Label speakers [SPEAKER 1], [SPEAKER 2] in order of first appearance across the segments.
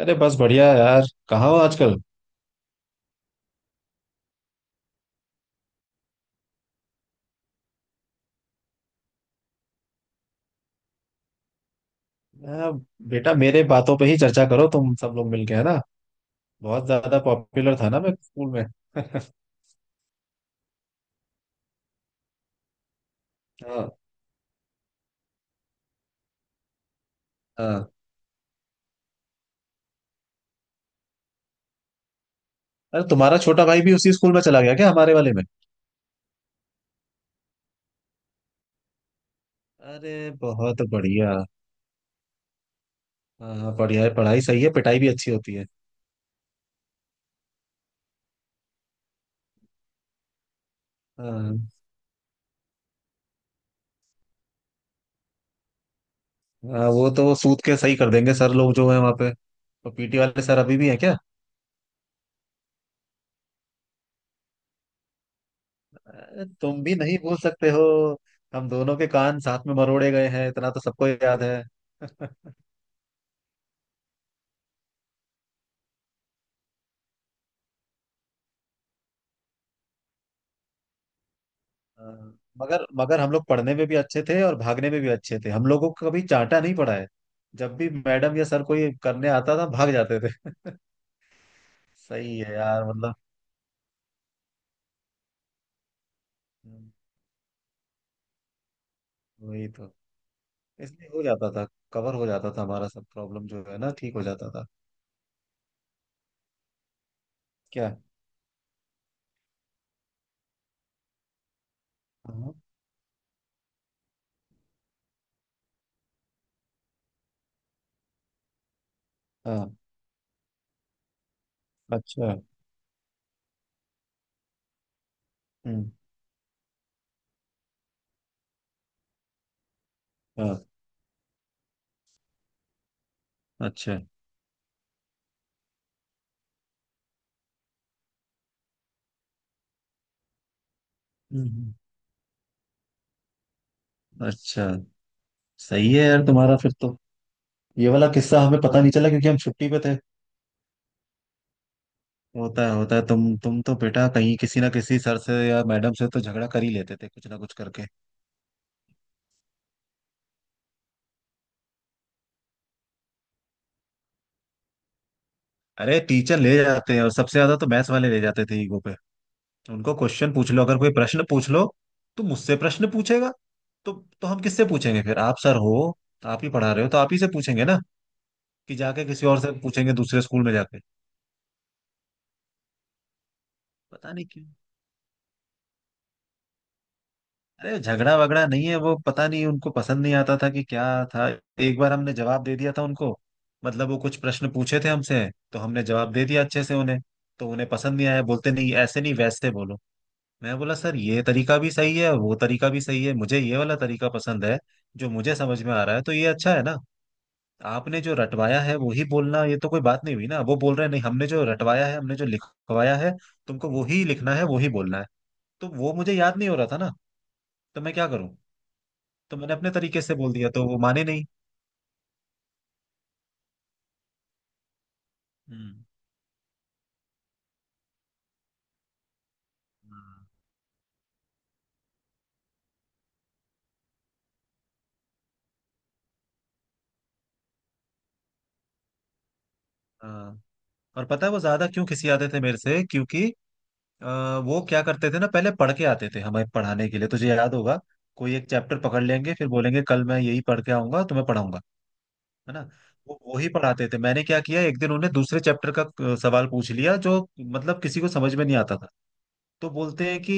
[SPEAKER 1] अरे बस बढ़िया है यार। कहाँ हो आजकल। आ, बेटा मेरे बातों पे ही चर्चा करो तुम सब लोग मिलके, है ना। बहुत ज्यादा पॉपुलर था ना मैं स्कूल में। हाँ, हाँ। अरे तुम्हारा छोटा भाई भी उसी स्कूल में चला गया क्या, हमारे वाले में? अरे बहुत बढ़िया। हाँ हाँ, बढ़िया है। पढ़ाई सही है, पिटाई भी अच्छी होती है। हाँ, हाँ वो तो सूत के सही कर देंगे सर लोग जो है वहाँ पे। तो पीटी वाले सर अभी भी हैं क्या? अरे, तुम भी नहीं भूल सकते हो। हम दोनों के कान साथ में मरोड़े गए हैं, इतना तो सबको याद है। हाँ, मगर मगर हम लोग पढ़ने में भी अच्छे थे और भागने में भी अच्छे थे। हम लोगों को कभी चांटा नहीं पड़ा है। जब भी मैडम या सर कोई करने आता था, भाग जाते थे। सही है यार। मतलब हम्म, वही तो। इसलिए हो जाता था। कवर हो जाता था हमारा। सब प्रॉब्लम जो है ना, ठीक हो जाता था। क्या? हाँ, हाँ। अच्छा। हम्म। हाँ। अच्छा। हम्म। अच्छा। सही है यार तुम्हारा फिर तो। ये वाला किस्सा हमें पता नहीं चला क्योंकि हम छुट्टी पे थे। होता है, होता है। तुम तो बेटा कहीं किसी ना किसी सर से या मैडम से तो झगड़ा कर ही लेते थे, कुछ ना कुछ करके। अरे टीचर ले जाते हैं, और सबसे ज्यादा तो मैथ्स वाले ले जाते थे ईगो पे। उनको क्वेश्चन पूछ लो, अगर कोई प्रश्न पूछ लो तो मुझसे प्रश्न पूछेगा? तो तो हम किससे पूछेंगे फिर? आप सर हो, आप ही पढ़ा रहे हो, तो आप ही से पूछेंगे ना। कि जाके किसी और से पूछेंगे दूसरे स्कूल में जाके? पता नहीं क्यों। अरे झगड़ा वगड़ा नहीं है वो, पता नहीं उनको पसंद नहीं आता था कि क्या था। एक बार हमने जवाब दे दिया था उनको। मतलब वो कुछ प्रश्न पूछे थे हमसे, तो हमने जवाब दे दिया अच्छे से उन्हें। तो उन्हें पसंद नहीं आया। बोलते, नहीं ऐसे नहीं वैसे बोलो। मैं बोला, सर ये तरीका भी सही है, वो तरीका भी सही है। मुझे ये वाला तरीका पसंद है, जो मुझे समझ में आ रहा है, तो ये अच्छा है ना। आपने जो रटवाया है वही बोलना, ये तो कोई बात नहीं हुई ना। वो बोल रहे हैं, नहीं हमने जो रटवाया है, हमने जो लिखवाया है तुमको वही लिखना है, वही बोलना है। तो वो मुझे याद नहीं हो रहा था ना, तो मैं क्या करूं। तो मैंने अपने तरीके से बोल दिया, तो वो माने नहीं। हम्म। हाँ। हाँ। और पता है वो ज्यादा क्यों खिसियाते थे मेरे से? क्योंकि अ, वो क्या करते थे ना, पहले पढ़ के आते थे हमें पढ़ाने के लिए, तुझे याद होगा। कोई एक चैप्टर पकड़ लेंगे, फिर बोलेंगे कल मैं यही पढ़ के आऊंगा तुम्हें पढ़ाऊंगा, है ना। वो ही पढ़ाते थे। मैंने क्या किया, एक दिन उन्हें दूसरे चैप्टर का सवाल पूछ लिया, जो मतलब किसी को समझ में नहीं आता था। तो बोलते हैं कि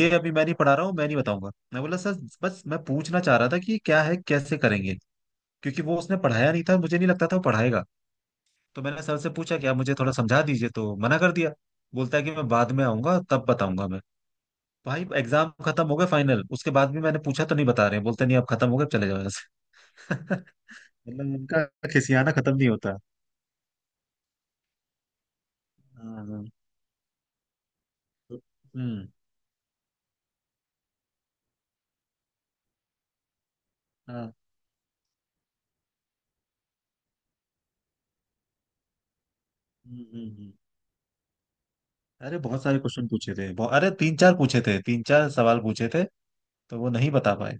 [SPEAKER 1] ये अभी मैं नहीं पढ़ा रहा हूँ, मैं नहीं बताऊंगा। मैं बोला सर बस मैं पूछना चाह रहा था कि क्या है, कैसे करेंगे, क्योंकि वो उसने पढ़ाया नहीं था। मुझे नहीं लगता था वो पढ़ाएगा। तो मैंने सर से पूछा कि आप मुझे थोड़ा समझा दीजिए, तो मना कर दिया। बोलता है कि मैं बाद में आऊंगा तब बताऊंगा मैं। भाई एग्जाम खत्म हो गए फाइनल, उसके बाद भी मैंने पूछा तो नहीं बता रहे हैं। बोलते, नहीं अब खत्म हो गए, अब चले जाओ यहाँ से। मतलब उनका खिसियाना खत्म नहीं होता। हाँ, हाँ। तो- हम्म। हाँ। हम्म। अरे बहुत सारे क्वेश्चन पूछे थे, बहु- अरे तीन चार पूछे थे, तीन चार सवाल पूछे थे, तो वो नहीं बता पाए।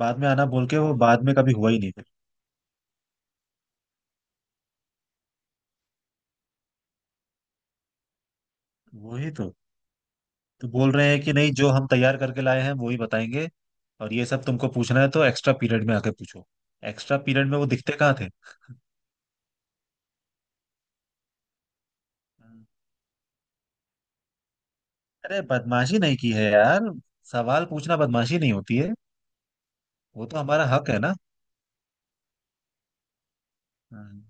[SPEAKER 1] बाद में आना बोल के, वो बाद में कभी हुआ ही नहीं फिर। वही तो। तो बोल रहे हैं कि नहीं, जो हम तैयार करके लाए हैं वो ही बताएंगे। और ये सब तुमको पूछना है तो एक्स्ट्रा पीरियड में आके पूछो। एक्स्ट्रा पीरियड में वो दिखते कहाँ थे। अरे बदमाशी नहीं की है यार, सवाल पूछना बदमाशी नहीं होती है। वो तो हमारा हक है ना। हम्म।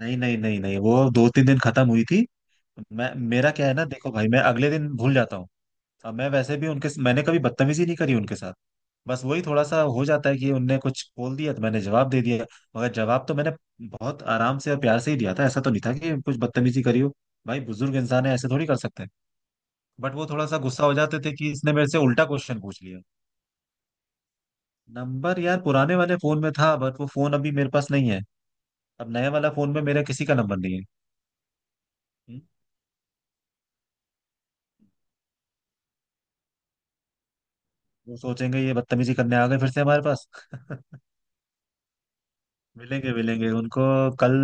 [SPEAKER 1] नहीं नहीं नहीं नहीं, वो दो तीन दिन खत्म हुई थी। मैं, मेरा क्या है ना, देखो भाई मैं अगले दिन भूल जाता हूँ। अब मैं वैसे भी उनके, मैंने कभी बदतमीजी नहीं करी उनके साथ। बस वही थोड़ा सा हो जाता है कि उनने कुछ बोल दिया तो मैंने जवाब दे दिया। मगर जवाब तो मैंने बहुत आराम से और प्यार से ही दिया था, ऐसा तो नहीं था कि कुछ बदतमीजी करी हो। भाई बुजुर्ग इंसान है, ऐसे थोड़ी कर सकते हैं। बट वो थोड़ा सा गुस्सा हो जाते थे कि इसने मेरे से उल्टा क्वेश्चन पूछ लिया। नंबर यार पुराने वाले फोन में था, बट वो फोन अभी मेरे पास नहीं है। अब नए वाला फोन में मेरा किसी का नंबर नहीं है। हम्म, वो सोचेंगे ये बदतमीजी करने आ गए फिर से हमारे पास। मिलेंगे मिलेंगे उनको कल।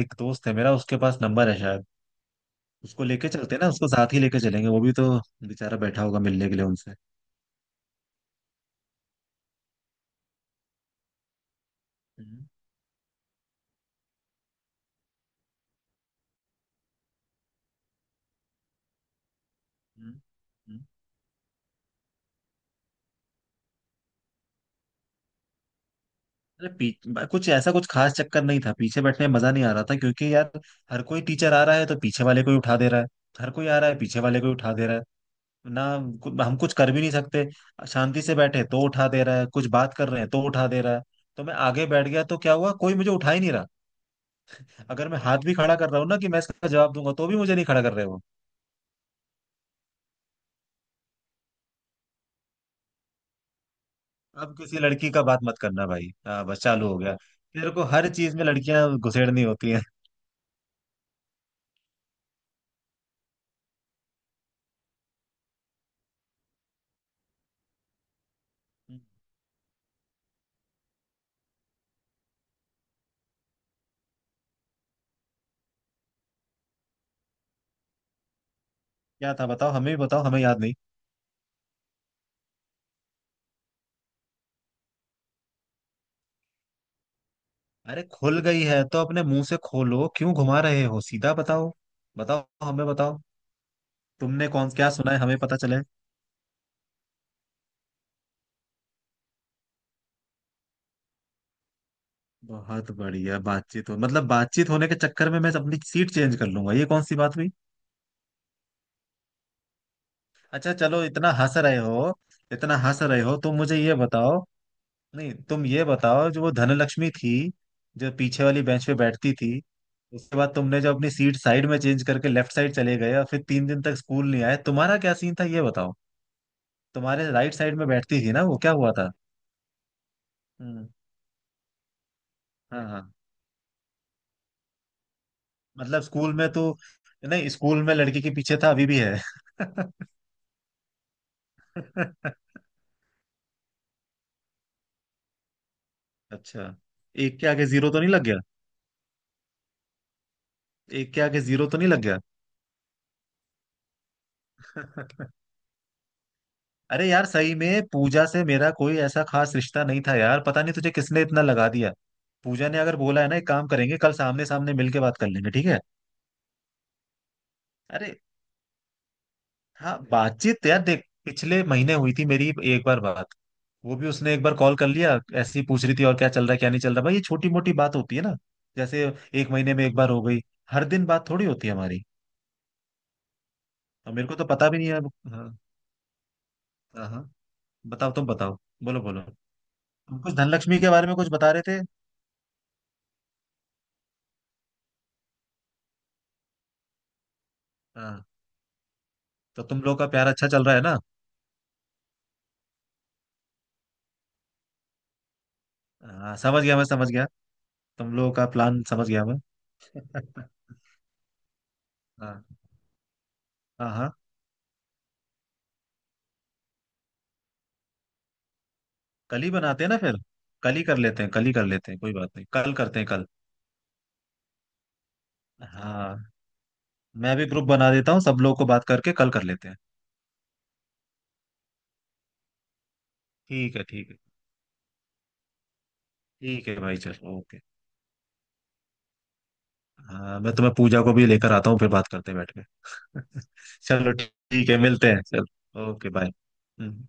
[SPEAKER 1] एक दोस्त है मेरा उसके पास नंबर है शायद। उसको लेके चलते हैं ना, उसको साथ ही लेके चलेंगे। वो भी तो बेचारा बैठा होगा मिलने के लिए उनसे। हम्म। हम्म, हम्म। अरे पीछ- बा- कुछ ऐसा कुछ खास चक्कर नहीं था। पीछे बैठने में मजा नहीं आ रहा था क्योंकि यार हर कोई टीचर आ रहा है तो पीछे वाले को ही उठा दे रहा है। हर कोई आ रहा है पीछे वाले को ही उठा दे रहा है ना। कु- हम कुछ कर भी नहीं सकते। शांति से बैठे तो उठा दे रहा है, कुछ बात कर रहे हैं तो उठा दे रहा है। तो मैं आगे बैठ गया तो क्या हुआ, कोई मुझे उठा ही नहीं रहा। अगर मैं हाथ भी खड़ा कर रहा हूँ ना कि मैं इसका जवाब दूंगा, तो भी मुझे नहीं खड़ा कर रहे वो। अब किसी लड़की का बात मत करना भाई, हाँ बस चालू हो गया। तेरे को हर चीज में लड़कियां घुसेड़नी होती हैं। क्या था बताओ, हमें भी बताओ, हमें याद नहीं। अरे खुल गई है तो अपने मुंह से खोलो, क्यों घुमा रहे हो, सीधा बताओ। बताओ, हमें बताओ। तुमने कौन क्या सुना है, हमें पता चले। बहुत बढ़िया बातचीत हो, मतलब बातचीत होने के चक्कर में मैं अपनी सीट चेंज कर लूंगा, ये कौन सी बात हुई। अच्छा चलो, इतना हंस रहे हो, इतना हंस रहे हो तो मुझे ये बताओ। नहीं तुम ये बताओ, जो वो धनलक्ष्मी थी जो पीछे वाली बेंच पे बैठती थी, उसके बाद तुमने जो अपनी सीट साइड में चेंज करके लेफ्ट साइड चले गए और फिर तीन दिन तक स्कूल नहीं आए, तुम्हारा क्या सीन था, ये बताओ। तुम्हारे राइट साइड में बैठती थी ना वो, क्या हुआ था। हम्म। हाँ, हाँ। मतलब स्कूल में तो। नहीं स्कूल में लड़की के पीछे था, अभी भी है। अच्छा। एक के आगे जीरो तो नहीं लग गया। एक के आगे जीरो तो नहीं लग गया। अरे यार सही में पूजा से मेरा कोई ऐसा खास रिश्ता नहीं था यार, पता नहीं तुझे किसने इतना लगा दिया। पूजा ने अगर बोला है ना, एक काम करेंगे कल सामने सामने मिलके बात कर लेंगे, ठीक है। अरे। हाँ बातचीत तो यार देख पिछले महीने हुई थी मेरी एक बार बात। वो भी उसने एक बार कॉल कर लिया, ऐसे ही पूछ रही थी और क्या चल रहा है, क्या नहीं चल रहा। भाई ये छोटी मोटी बात होती है ना। जैसे एक महीने में एक बार हो गई, हर दिन बात थोड़ी होती है हमारी। और मेरे को तो पता भी नहीं है अब- हाँ। हाँ, हाँ बताओ, तुम बताओ, बोलो बोलो। तुम कुछ धनलक्ष्मी के बारे में कुछ बता रहे थे। हाँ। तो तुम लोग का प्यार अच्छा चल रहा है ना। हाँ, समझ गया मैं, समझ गया। तुम लोगों का प्लान समझ गया मैं। हाँ। हाँ, हाँ। कल ही बनाते हैं ना फिर, कल ही कर लेते हैं, कल ही कर लेते हैं, कोई बात नहीं, कल करते हैं कल। हाँ मैं भी ग्रुप बना देता हूँ, सब लोग को बात करके कल कर लेते हैं। ठीक है, ठीक है। ठीक है भाई चलो, ओके। हाँ मैं तुम्हें पूजा को भी लेकर आता हूँ, फिर बात करते हैं बैठ के। चलो ठीक है, मिलते हैं, चलो ओके बाय। हम्म।